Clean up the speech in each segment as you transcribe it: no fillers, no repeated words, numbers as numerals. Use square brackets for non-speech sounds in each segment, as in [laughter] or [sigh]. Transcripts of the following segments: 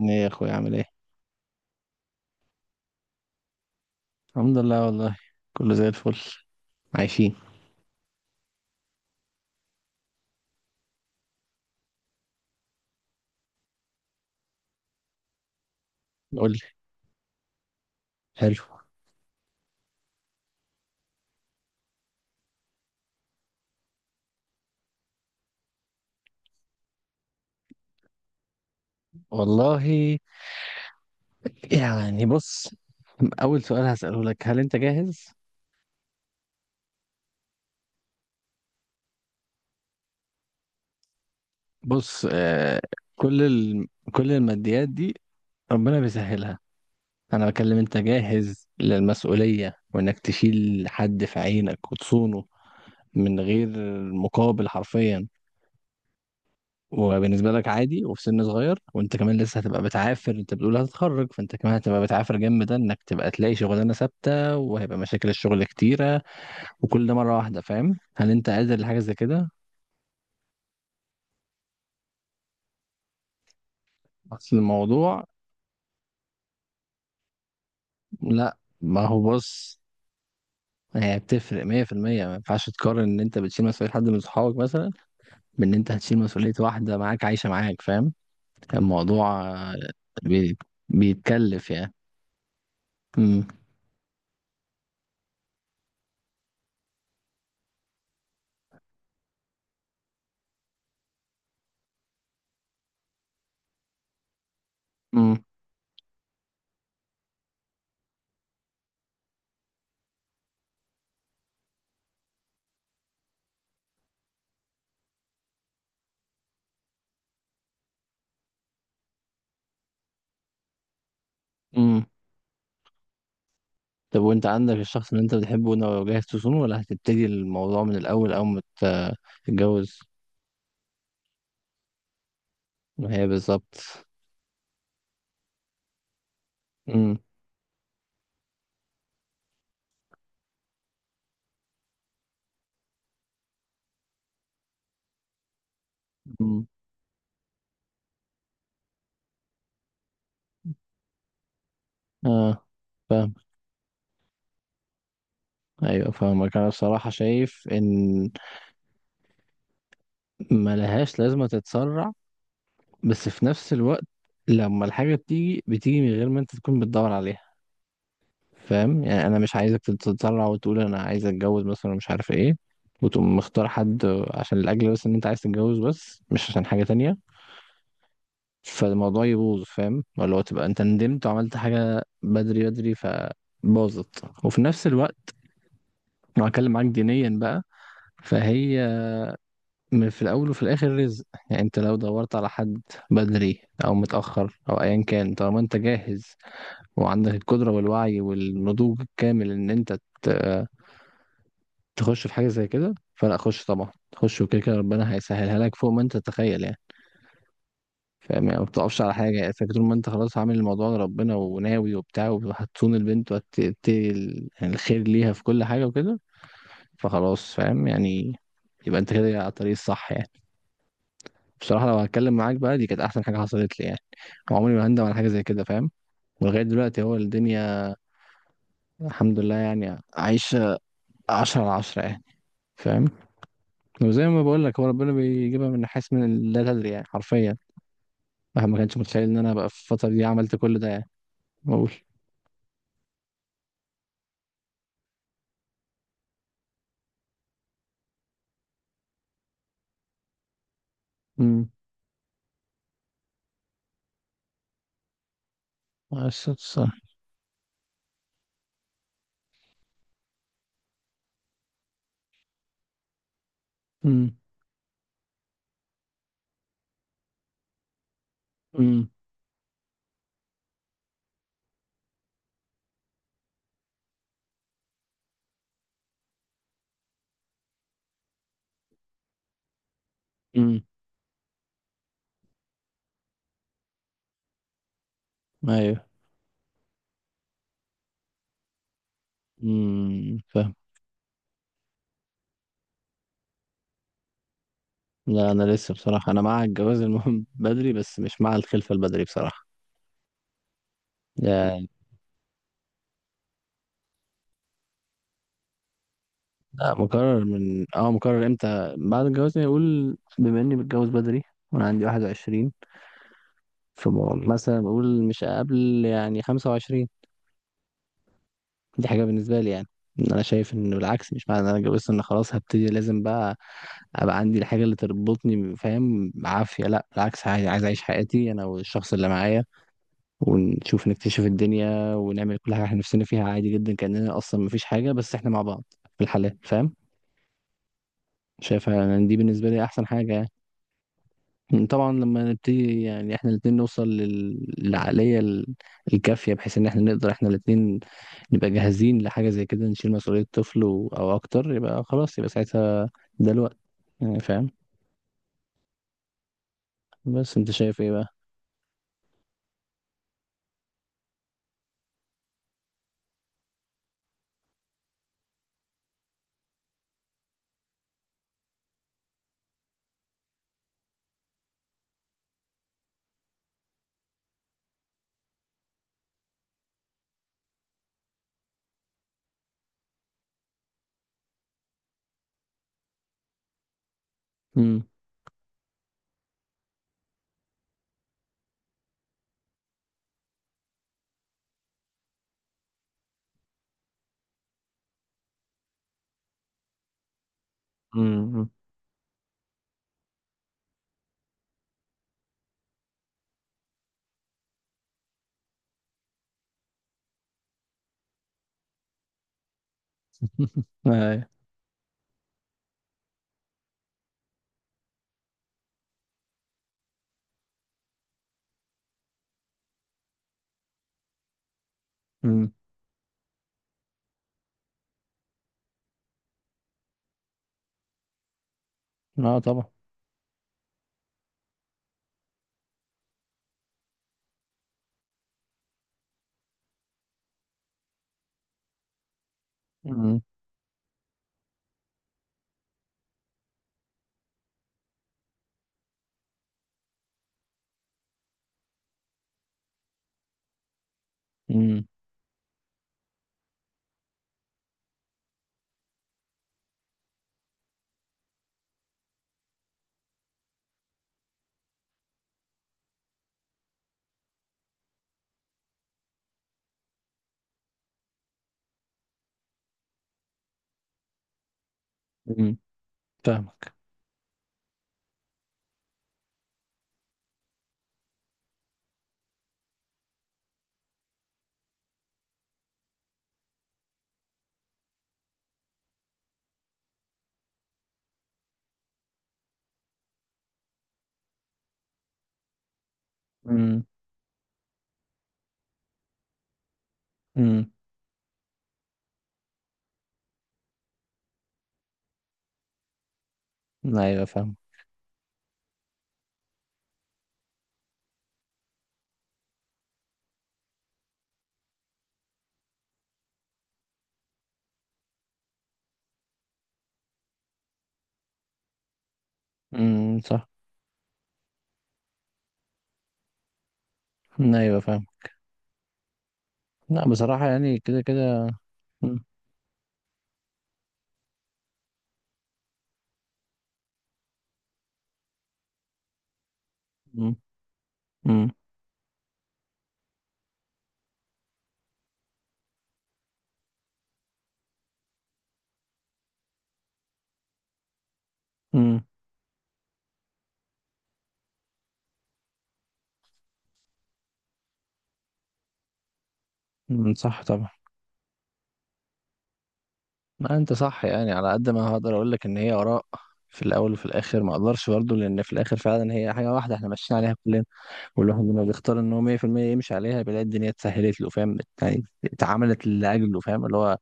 ايه يا اخويا، عامل ايه؟ الحمد لله والله، كله زي الفل. عايشين. قول لي. حلو. والله يعني بص، اول سؤال هسأله لك، هل انت جاهز؟ بص، كل ال... كل الماديات دي ربنا بيسهلها. انا بكلم انت جاهز للمسؤولية، وانك تشيل حد في عينك وتصونه من غير مقابل، حرفيا. وبالنسبة لك عادي، وفي سن صغير، وانت كمان لسه هتبقى بتعافر، انت بتقول هتتخرج فانت كمان هتبقى بتعافر. جنب ده، انك تبقى تلاقي شغلانة ثابتة، وهيبقى مشاكل الشغل كتيرة، وكل ده مرة واحدة. فاهم؟ هل انت قادر لحاجة زي كده؟ اصل الموضوع... لا ما هو بص، هي بتفرق 100%. ما ينفعش تقارن ان انت بتشيل مسؤولية حد من صحابك مثلا بان انت هتشيل مسؤولية واحدة معاك عايشة معاك. فاهم؟ الموضوع بي... بيتكلف يعني. امم. امم. امم. طب، وانت عندك الشخص اللي انت بتحبه ده، جاهز تصونه ولا هتبتدي الموضوع من الاول، اول ما تتجوز؟ ما هي بالظبط. امم. امم. اه فاهم. ايوه فاهمك. انا بصراحه شايف ان ما لهاش لازمه تتسرع، بس في نفس الوقت لما الحاجه بتيجي، بتيجي من غير ما انت تكون بتدور عليها. فاهم يعني؟ انا مش عايزك تتسرع وتقول انا عايز اتجوز مثلا، مش عارف ايه، وتقوم مختار حد عشان الاجل، بس ان انت عايز تتجوز بس مش عشان حاجه تانية، فالموضوع يبوظ. فاهم؟ ولا هو تبقى انت ندمت وعملت حاجة بدري بدري فباظت. وفي نفس الوقت، لو هتكلم معاك دينيا بقى، فهي من في الاول وفي الاخر رزق. يعني انت لو دورت على حد بدري او متاخر او ايا كان، طالما انت جاهز وعندك القدره والوعي والنضوج الكامل ان انت تخش في حاجه زي كده، فلا، خش طبعا. خش، وكده كده ربنا هيسهلها لك فوق ما انت تتخيل يعني. فاهم يعني؟ ما بتقفش على حاجة، يعني فاكر طول ما انت خلاص عامل الموضوع لربنا وناوي وبتاع، وهتصون البنت، وهتبتدي يعني الخير ليها في كل حاجة وكده، فخلاص. فاهم يعني؟ يبقى انت كده على الطريق الصح يعني. بصراحة لو هتكلم معاك بقى، دي كانت أحسن حاجة حصلت لي يعني، وعمري ما هندم على حاجة زي كده. فاهم؟ ولغاية دلوقتي هو الدنيا الحمد لله، يعني عايشة عشرة على عشرة يعني. فاهم؟ وزي ما بقول لك، هو ربنا بيجيبها من حيث من لا تدري، يعني حرفيا. الواحد ما كانش متخيل ان انا بقى في الفترة دي عملت كل ده يعني. بقول. امم. على الصوت الصح. امم. امم. امم. ايوه. فاهم. لا، انا لسه بصراحه انا مع الجواز المهم [laughs] بدري، بس مش مع الخلفه البدري بصراحه يعني. لا، مقرر. من اه مقرر امتى بعد الجواز يعني. اقول بما اني بتجوز بدري وانا عندي 21، فمثلا بقول مش قبل يعني 25. دي حاجة بالنسبة لي يعني. إن أنا شايف إنه العكس، مش معنى إن أنا اتجوزت إن خلاص هبتدي لازم بقى أبقى عندي الحاجة اللي تربطني. فاهم؟ عافية، لأ بالعكس، عايز عايز أعيش حياتي أنا والشخص اللي معايا، ونشوف، نكتشف الدنيا، ونعمل كل حاجة إحنا نفسنا فيها، عادي جدا، كأننا أصلا مفيش حاجة بس إحنا مع بعض في الحالات. فاهم؟ شايفها إن دي بالنسبة لي أحسن حاجة يعني. طبعا لما نبتدي، يعني احنا الاتنين نوصل الكافية، بحيث ان احنا نقدر احنا الاتنين نبقى جاهزين لحاجة زي كده، نشيل مسؤولية طفل او اكتر، يبقى خلاص، يبقى ساعتها ده الوقت يعني. فاهم؟ بس انت شايف ايه بقى؟ امم. امم. [laughs] ايوه. امم. اه طبعا. امم امم. امم فاهمك. امم. امم. ايوه فاهم. صح. ايوه فاهم. لا بصراحة يعني كده كده. امم. امم. امم. مم، صح طبعا. ما انت صح يعني. على قد ما هقدر اقول لك ان هي اراء في الاول وفي الاخر، ما اقدرش برضه، لان في الاخر فعلا هي حاجه واحده احنا ماشيين عليها كلنا. والواحد لما بيختار ان هو 100% يمشي عليها، بيلاقي الدنيا اتسهلت له. فاهم يعني؟ اتعملت لاجله. فاهم اللي هو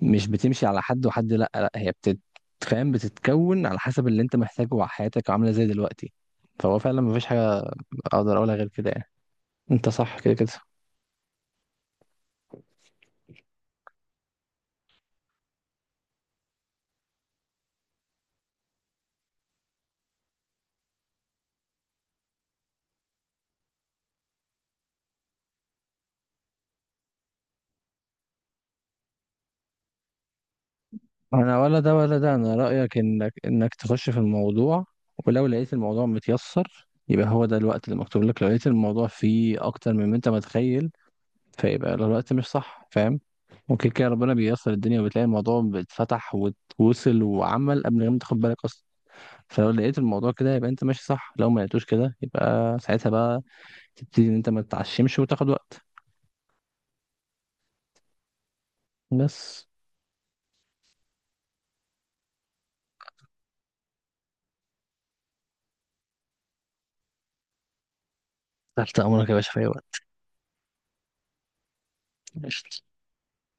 مش بتمشي على حد وحد، لا لا، هي فاهم، بتتكون على حسب اللي انت محتاجه وحياتك عامله ازاي دلوقتي. فهو فعلا ما فيش حاجه اقدر اقولها غير كده يعني. انت صح كده كده. انا ولا ده ولا ده. انا رايك انك تخش في الموضوع، ولو لقيت الموضوع متيسر يبقى هو ده الوقت اللي مكتوب لك. لو لقيت الموضوع فيه اكتر من ما انت متخيل، فيبقى الوقت مش صح. فاهم؟ ممكن كده ربنا بييسر الدنيا، وبتلاقي الموضوع اتفتح واتوصل وعمل قبل ما تاخد بالك اصلا. فلو لقيت الموضوع كده يبقى انت ماشي صح، لو ما لقيتوش كده يبقى ساعتها بقى تبتدي ان انت ما تتعشمش وتاخد وقت، بس. تحت امرك يا باشا في اي وقت.